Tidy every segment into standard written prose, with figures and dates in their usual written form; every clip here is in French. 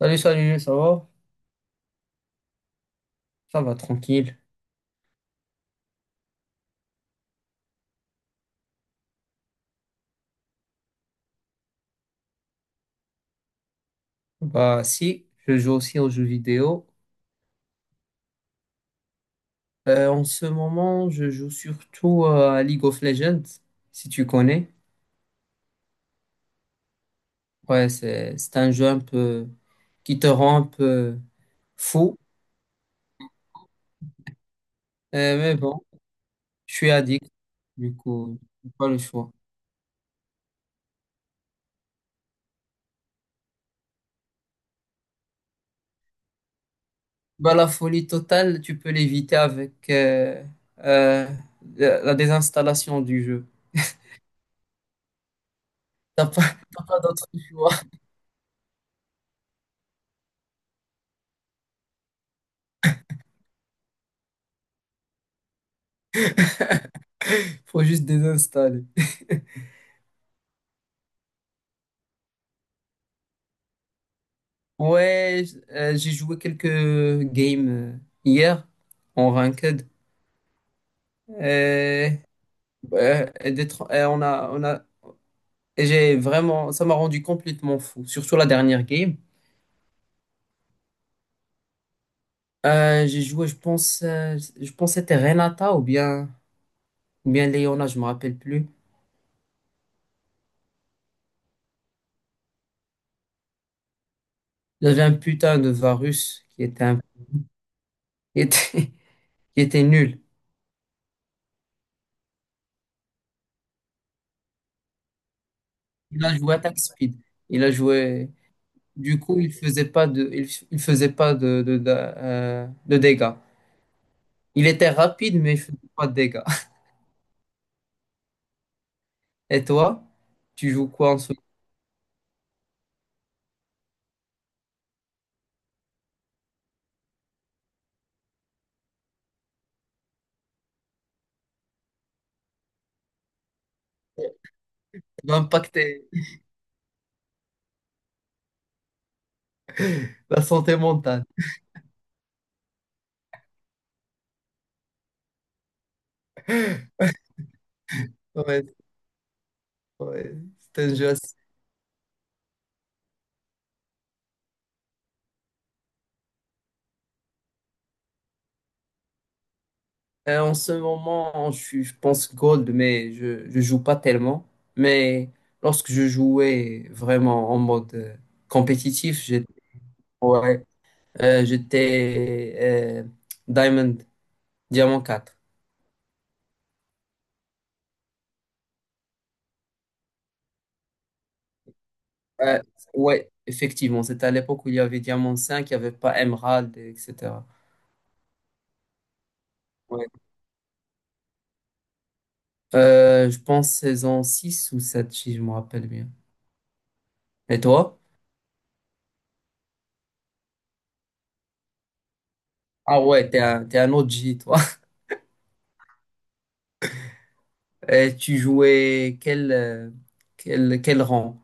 Salut, salut, ça va? Ça va, tranquille. Bah si, je joue aussi aux jeux vidéo. En ce moment, je joue surtout à League of Legends, si tu connais. Ouais, c'est un jeu un peu qui te rend un peu fou. Mais bon, je suis addict, du coup, j'ai pas le choix. Bah la folie totale, tu peux l'éviter avec euh, la désinstallation du jeu. T'as pas, t'as pas d'autre choix. Faut juste désinstaller. Ouais, j'ai joué quelques games hier en ranked. Euh, euh, d'être- on a, et J'ai vraiment, ça m'a rendu complètement fou. Surtout la dernière game. J'ai joué, je pense que c'était Renata ou bien Leona, je me rappelle plus. J'avais un putain de Varus qui était, qui était, qui était nul. Il a joué attack speed. Il a joué. Du coup, il faisait pas de dégâts. Il était rapide, mais il faisait pas de dégâts. Et toi, tu joues quoi en ce moment? Ça va impacter la santé mentale. Ouais, ouais, c'est un jeu assez- En ce moment, je suis, je pense gold, mais je joue pas tellement. Mais lorsque je jouais vraiment en mode compétitif, j'étais ouais, j'étais Diamond, Diamant 4. Euh, ouais, effectivement, c'était à l'époque où il y avait Diamant 5, il n'y avait pas Emerald, etc. Je pense saison 6 ou 7 si je me rappelle bien. Et toi? Ah ouais, t'es un O G toi. Et tu jouais quel rang?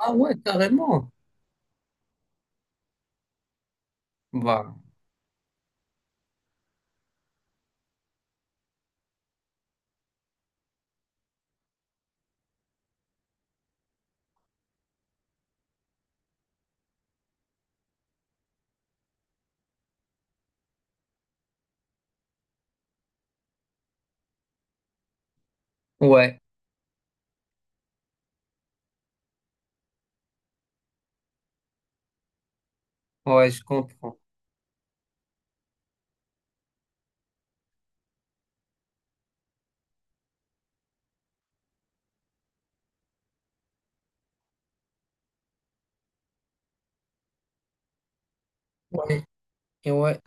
Ah ouais, carrément. Bah, ouais, ouais, je comprends. Ouais, et ouais,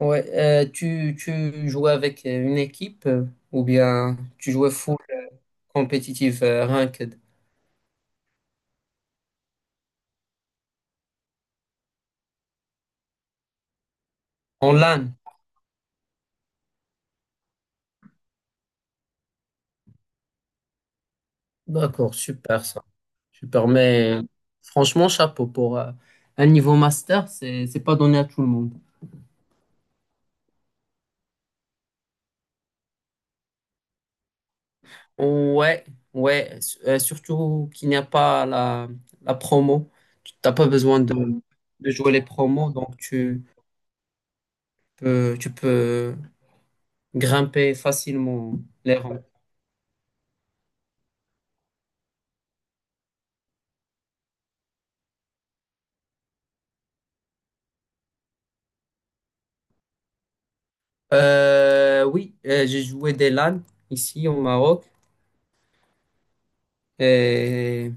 ouais. Tu jouais avec une équipe ou bien tu jouais full compétitive ranked? En LAN? D'accord, super ça. Super, mais franchement, chapeau pour un niveau master, c'est pas donné à tout le monde. Ouais, ouais, surtout qu'il n'y a pas la, la promo. Tu n'as pas besoin de jouer les promos, donc tu peux grimper facilement les rangs. Oui, j'ai joué des LAN ici au Maroc et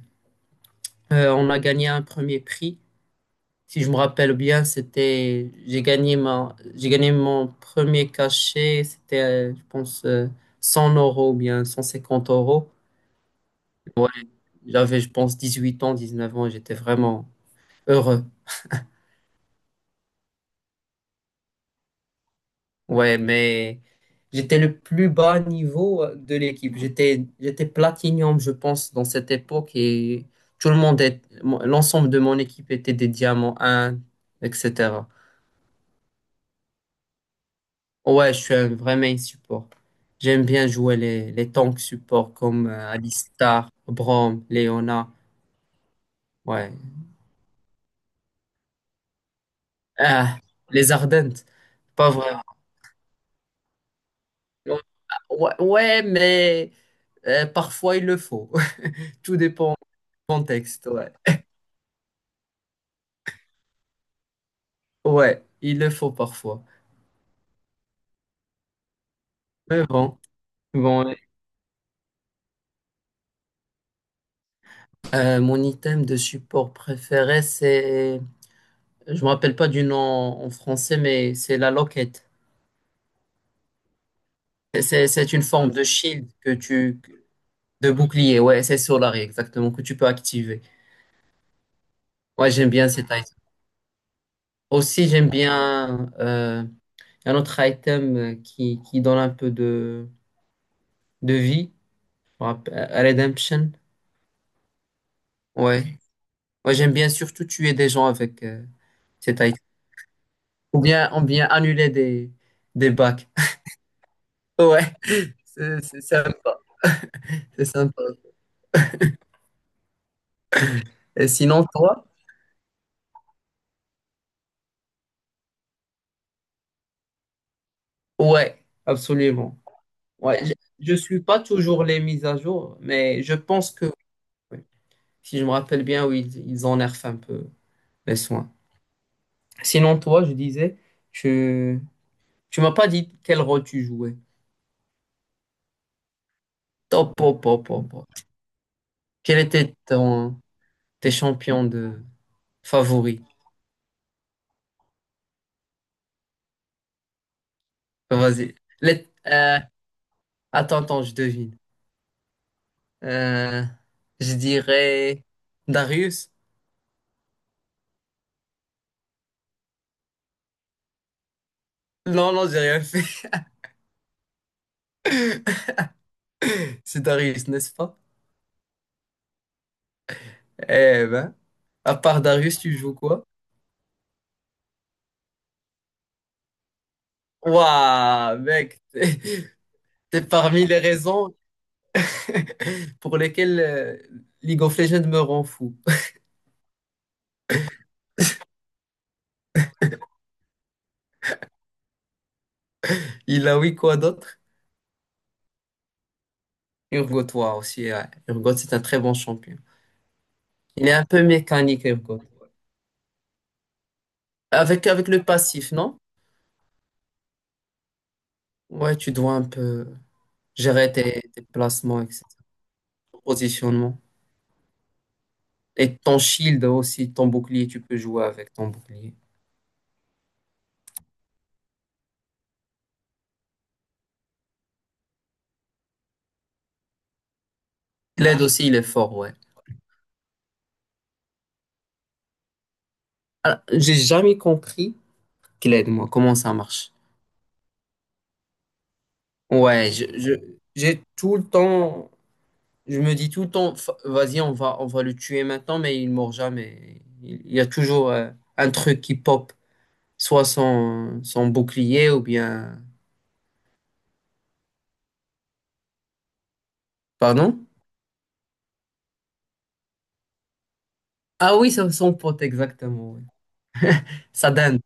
on a gagné un premier prix. Si je me rappelle bien, c'était, j'ai gagné mon premier cachet, c'était, je pense, 100 euros ou bien 150 euros. Ouais, j'avais, je pense, 18 ans, 19 ans, et j'étais vraiment heureux. Ouais, mais j'étais le plus bas niveau de l'équipe. J'étais platinum, je pense, dans cette époque et tout le monde est, l'ensemble de mon équipe était des diamants 1, etc. Ouais, je suis un vrai main support. J'aime bien jouer les tanks support comme Alistar, Braum, Leona. Ouais. Ah, les Ardentes. Pas vrai. Ouais, ouais, mais parfois il le faut. Tout dépend du contexte. Ouais. Ouais, il le faut parfois. Mais bon. Bon, mon item de support préféré, c'est. Je me rappelle pas du nom en français, mais c'est la loquette. C'est c'est une forme de shield que tu, De bouclier, ouais, c'est Solary, exactement, que tu peux activer. Ouais, j'aime bien cet item. Aussi, j'aime bien un autre item qui donne un peu de vie. On rappelle- Redemption. Ouais. Ouais, j'aime bien surtout tuer des gens avec cet item. Ou bien annuler des bacs. Ouais, c'est sympa. C'est sympa. Et sinon, toi? Ouais, absolument. Ouais, je suis pas toujours les mises à jour, mais je pense que. Ouais, si je me rappelle bien, oui, ils énervent un peu les soins. Sinon, toi, je disais, tu, tu m'as pas dit quel rôle tu jouais. Top, pop, pop, pop, pop. Quel était ton, tes champions de favoris? Bah, vas-y. Les- euh, Attends, attends, je devine. Euh, je dirais Darius. Non, non, j'ai rien fait. C'est Darius, n'est-ce pas? Eh ben, à part Darius, tu joues quoi? Waouh, mec, c'est parmi les raisons pour lesquels League of Legends me rend fou. Il a oui quoi d'autre? Urgot, toi aussi. Ouais. Urgot, c'est un très bon champion. Il est un peu mécanique, Urgot. Avec, avec le passif, non? Ouais, tu dois un peu gérer tes, tes placements, etc. Ton positionnement. Et ton shield aussi, ton bouclier, tu peux jouer avec ton bouclier. Kled aussi, il est fort, ouais. Alors, j'ai jamais compris Kled, moi, comment ça marche. Ouais, j'ai tout le temps je me dis tout le temps, Fa- vas-y, on va le tuer maintenant, mais il mord jamais. Il y a toujours un truc qui pop, soit son, son bouclier ou bien... Pardon? Ah oui, c'est son pote, exactement. Oui. Sa dinde.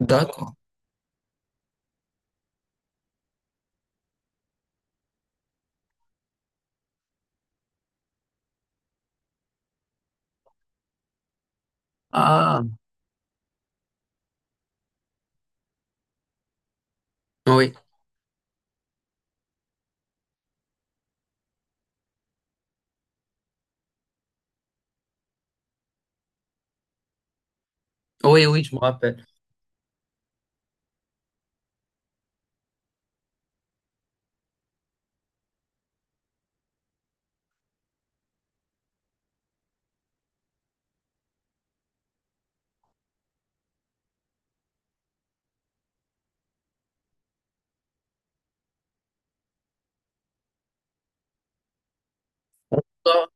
D'accord. Ah, oui, oui, oui, je me rappelle. Toi,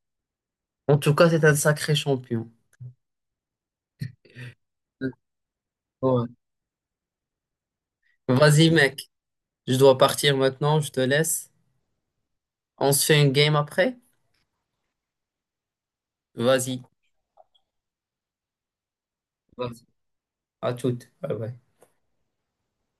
en tout cas, c'est un sacré champion. Ouais. Vas-y, mec, je dois partir maintenant, je te laisse. On se fait une game après? Vas-y. Vas-y. À toute. Bye bye.